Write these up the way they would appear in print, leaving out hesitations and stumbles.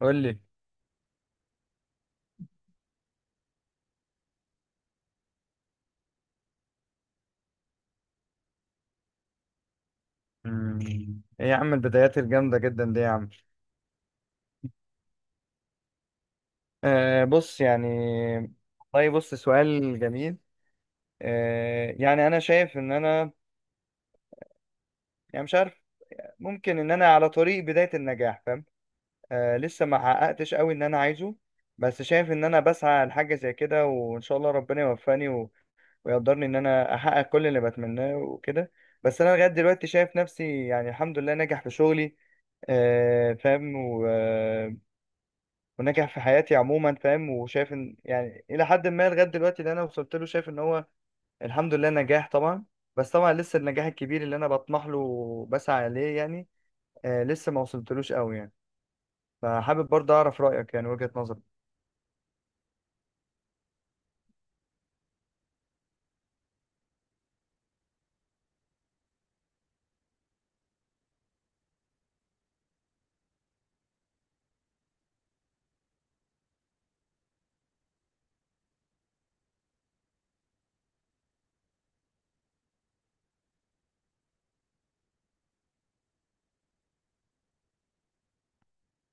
قول لي. مم. ايه يا عم، البدايات الجامدة جدا دي يا عم؟ بص يعني، والله بص سؤال جميل. يعني انا شايف ان انا، يعني مش عارف، ممكن ان انا على طريق بداية النجاح، فاهم. لسه ما حققتش قوي ان انا عايزه، بس شايف ان انا بسعى لحاجة زي كده، وان شاء الله ربنا يوفقني ويقدرني ان انا احقق كل اللي بتمناه وكده. بس انا لغاية دلوقتي شايف نفسي يعني الحمد لله ناجح في شغلي، فاهم، وناجح في حياتي عموما، فاهم، وشايف ان يعني الى حد ما لغايه دلوقتي اللي انا وصلت له شايف ان هو الحمد لله نجاح طبعا. بس طبعا لسه النجاح الكبير اللي انا بطمح له وبسعى اليه يعني، لسه ما وصلتلوش قوي يعني، فحابب برضه اعرف رايك يعني وجهه نظرك.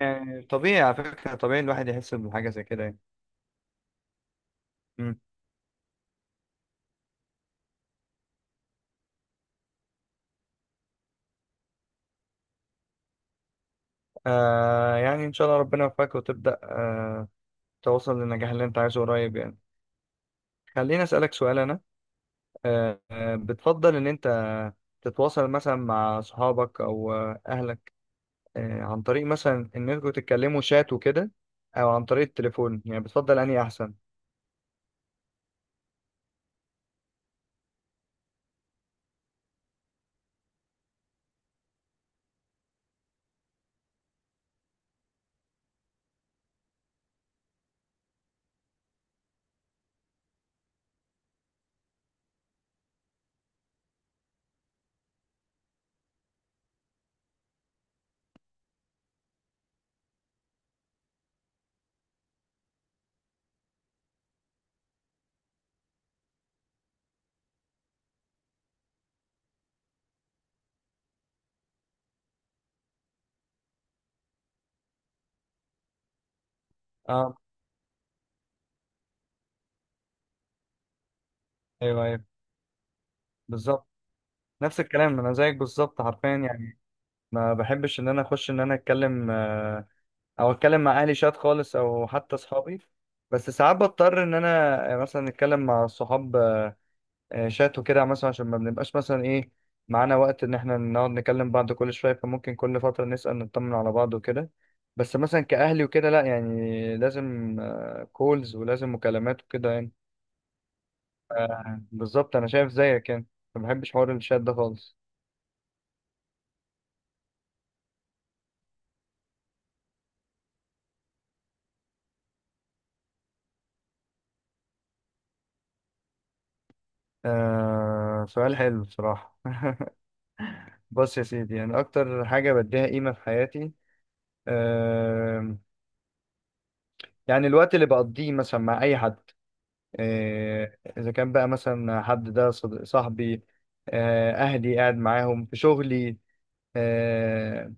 يعني طبيعي على فكره، طبيعي الواحد يحس بحاجه زي كده يعني. مم. يعني ان شاء الله ربنا يوفقك وتبدا توصل للنجاح اللي انت عايزه قريب يعني. خليني اسالك سؤال انا. بتفضل ان انت تتواصل مثلا مع صحابك او اهلك، عن طريق مثلا ان انتوا تتكلموا شات وكده، او عن طريق التليفون؟ يعني بتفضل انهي احسن؟ اه. ايوه ايوه. بالظبط. نفس الكلام انا زيك بالظبط حرفيا يعني. ما بحبش ان انا اخش ان انا اتكلم، او اتكلم مع اهلي شات خالص او حتى اصحابي. بس ساعات بضطر ان انا مثلا اتكلم مع الصحاب شات وكده، مثلا عشان ما بنبقاش مثلا ايه معانا وقت ان احنا نقعد نكلم بعض كل شويه، فممكن كل فتره نسال نطمن على بعض وكده. بس مثلا كاهلي وكده لا، يعني لازم كولز ولازم مكالمات وكده يعني. بالظبط انا شايف زيك يعني، ما بحبش حوار الشات ده خالص. سؤال حلو بصراحه. بص يا سيدي، يعني اكتر حاجه بديها قيمه في حياتي، آه يعني الوقت اللي بقضيه مثلا مع اي حد، إذا كان بقى مثلا حد ده صاحبي، أهلي، قاعد معاهم في شغلي، آه،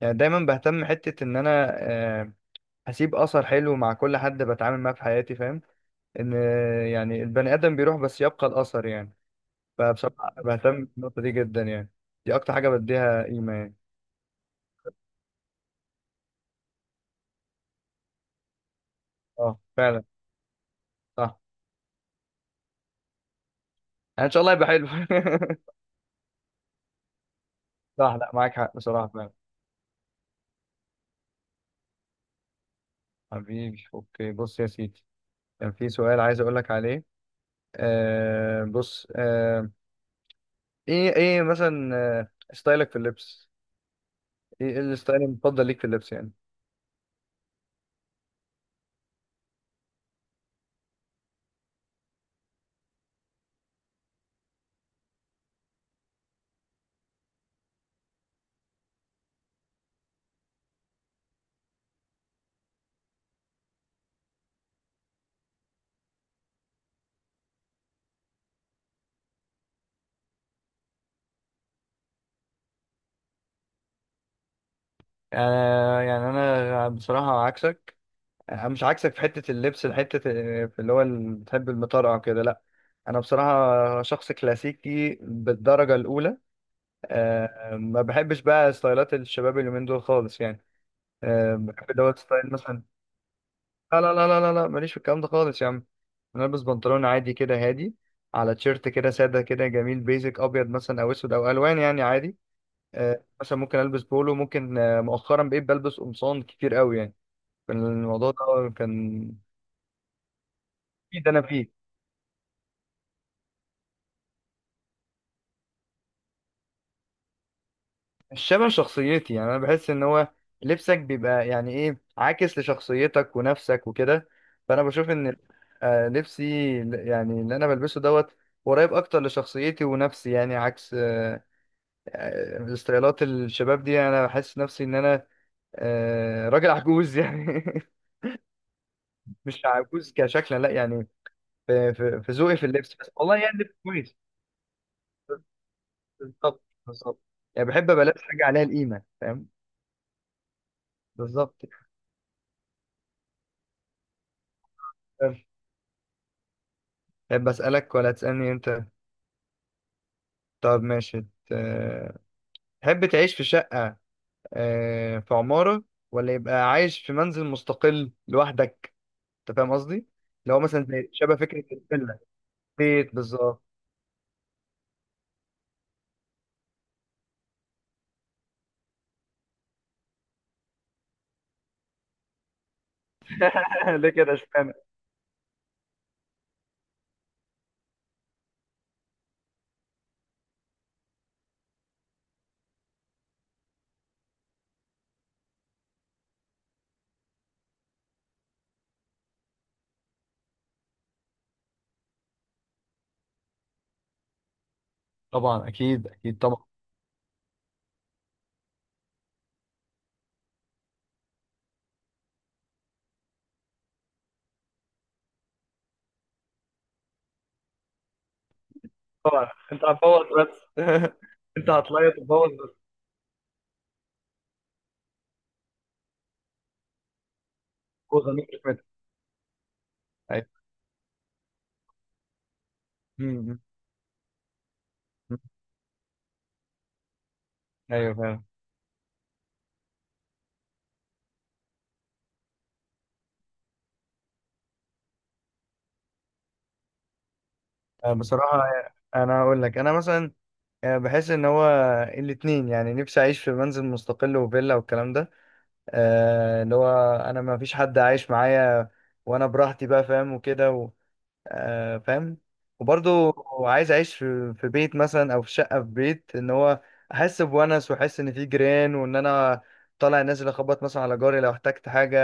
يعني دايما بهتم حتة إن أنا آه، أسيب أثر حلو مع كل حد بتعامل معاه في حياتي، فاهم، إن يعني البني آدم بيروح بس يبقى الأثر يعني. فبصراحة بهتم بالنقطة دي جدا يعني، دي أكتر حاجة بديها قيمة يعني. أه فعلا. صح. يعني إن شاء الله يبقى حلو. صح، لا معاك حق بصراحة فعلا. حبيبي أوكي، بص يا سيدي، كان في سؤال عايز أقولك عليه، بص ايه ايه مثلا، ستايلك في اللبس، ايه إيه الستايل المفضل ليك في اللبس يعني؟ يعني انا بصراحه عكسك، انا مش عكسك في حتة اللبس، حتة في اللي هو بتحب المطرقع كده لا، انا بصراحة شخص كلاسيكي بالدرجة الاولى. ما بحبش بقى ستايلات الشباب اليومين دول خالص يعني، بحب دوت ستايل مثلا. لا لا لا لا لا لا، ماليش في الكلام ده خالص يا عم. انا البس بنطلون عادي كده هادي على تيشيرت كده ساده كده جميل، بيزك ابيض مثلا او اسود او الوان يعني عادي. مثلا ممكن البس بولو، ممكن مؤخرا بقيت بلبس قمصان كتير قوي يعني، كان الموضوع ده كان في ده انا فيه الشبه شخصيتي يعني. انا بحس ان هو لبسك بيبقى يعني ايه عاكس لشخصيتك ونفسك وكده، فانا بشوف ان لبسي يعني اللي انا بلبسه دوت قريب اكتر لشخصيتي ونفسي يعني، عكس ستايلات الشباب دي، انا بحس نفسي ان انا راجل عجوز يعني. مش عجوز كشكلا لا يعني، في في ذوقي في اللبس بس والله، يعني لبس كويس. بالظبط بالظبط، يعني بحب ابقى لابس حاجه عليها القيمه، فاهم. بالظبط. طيب، بسالك ولا تسالني انت؟ طب ماشي. آه، تحب تعيش في شقه في عماره، ولا يبقى عايش في منزل مستقل لوحدك؟ انت فاهم قصدي، لو مثلا شبه فكره الفيلا، بيت بالظبط. ليه كده؟ طبعا اكيد اكيد طبعا. انت هتبوظ بس، انت هتلاقي تبوظ بس. جوزها مش متر. ايوه. م- م- م. ايوه فعلا. بصراحه انا هقول لك، انا مثلا بحس ان هو الاتنين يعني، نفسي اعيش في منزل مستقل وفيلا والكلام ده، اللي هو انا ما فيش حد عايش معايا وانا براحتي بقى، فاهم وكده، فاهم. وبرضو عايز اعيش في بيت مثلا او في شقه، في بيت ان هو احس بونس واحس ان في جيران وان انا طالع نازل اخبط مثلا على جاري لو احتجت حاجه،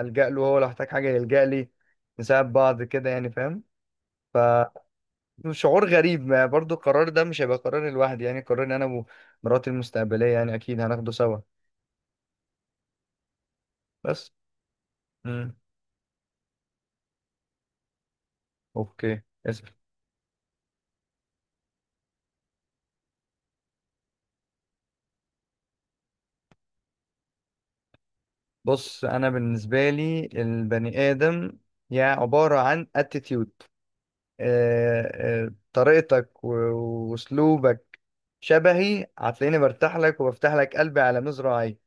الجا له هو لو احتاج حاجه يلجا لي، نساعد بعض كده يعني، فاهم. فشعور غريب، ما برضو القرار ده مش هيبقى قراري لوحدي، يعني قراري انا ومراتي المستقبليه، يعني اكيد هناخده سوا. بس، امم. اوكي اسف. بص انا بالنسبه لي البني ادم يعني عباره عن attitude، طريقتك واسلوبك شبهي، هتلاقيني برتاح لك وبفتح لك قلبي على مزرعي.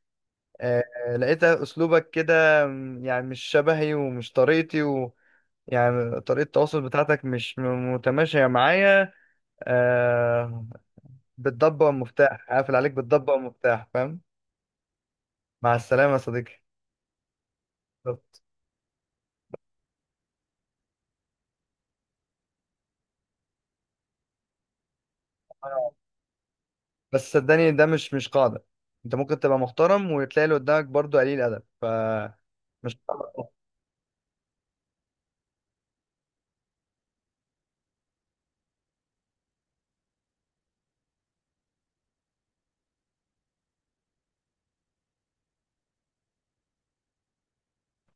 لقيت اسلوبك كده يعني مش شبهي ومش طريقتي و، يعني طريقة التواصل بتاعتك مش متماشية معايا، آه بالضبة والمفتاح، هقفل عليك بالضبة والمفتاح، فاهم. مع السلامة يا صديقي. بالظبط. بس صدقني ده مش قاعدة، انت ممكن تبقى محترم وتلاقي اللي قدامك برضه قليل أدب، فمش.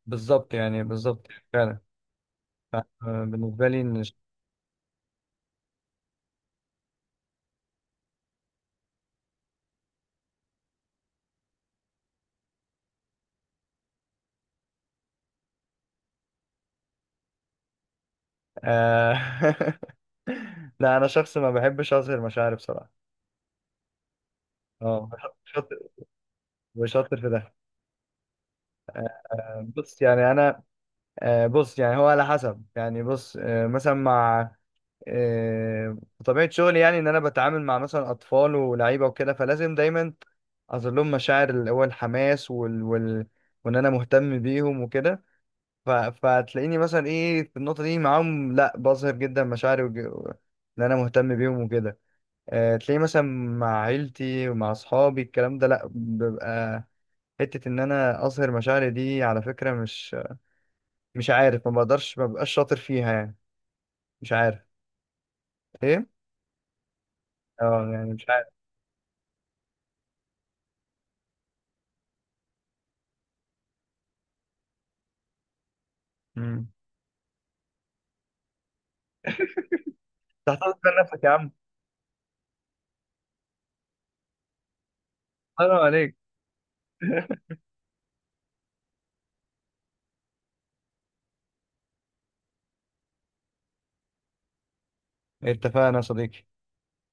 بالظبط، يعني بالظبط. فعلا. ف- آه، بالنسبة لي إن آه لا أنا شخص ما بحبش أظهر مشاعري بصراحة. اه، شاطر، وشاطر في ده. بص يعني أنا بص يعني هو على حسب، يعني بص مثلا مع آه، طبيعة شغلي، يعني إن أنا بتعامل مع مثلا أطفال ولاعيبة وكده، فلازم دايما أظهر لهم مشاعر اللي هو الحماس وإن أنا مهتم بيهم وكده، فتلاقيني مثلا ايه في النقطه دي معاهم، لا بظهر جدا مشاعري ان انا مهتم بيهم وكده. تلاقيني مثلا مع عيلتي ومع اصحابي الكلام ده لا، ببقى حته ان انا اظهر مشاعري دي على فكره مش، مش عارف، ما بقدرش، ما ببقاش شاطر فيها يعني، مش عارف. ايه. اه يعني مش عارف. امم. تحتفظ بنفسك يا عم. حرام عليك. اتفقنا يا صديقي.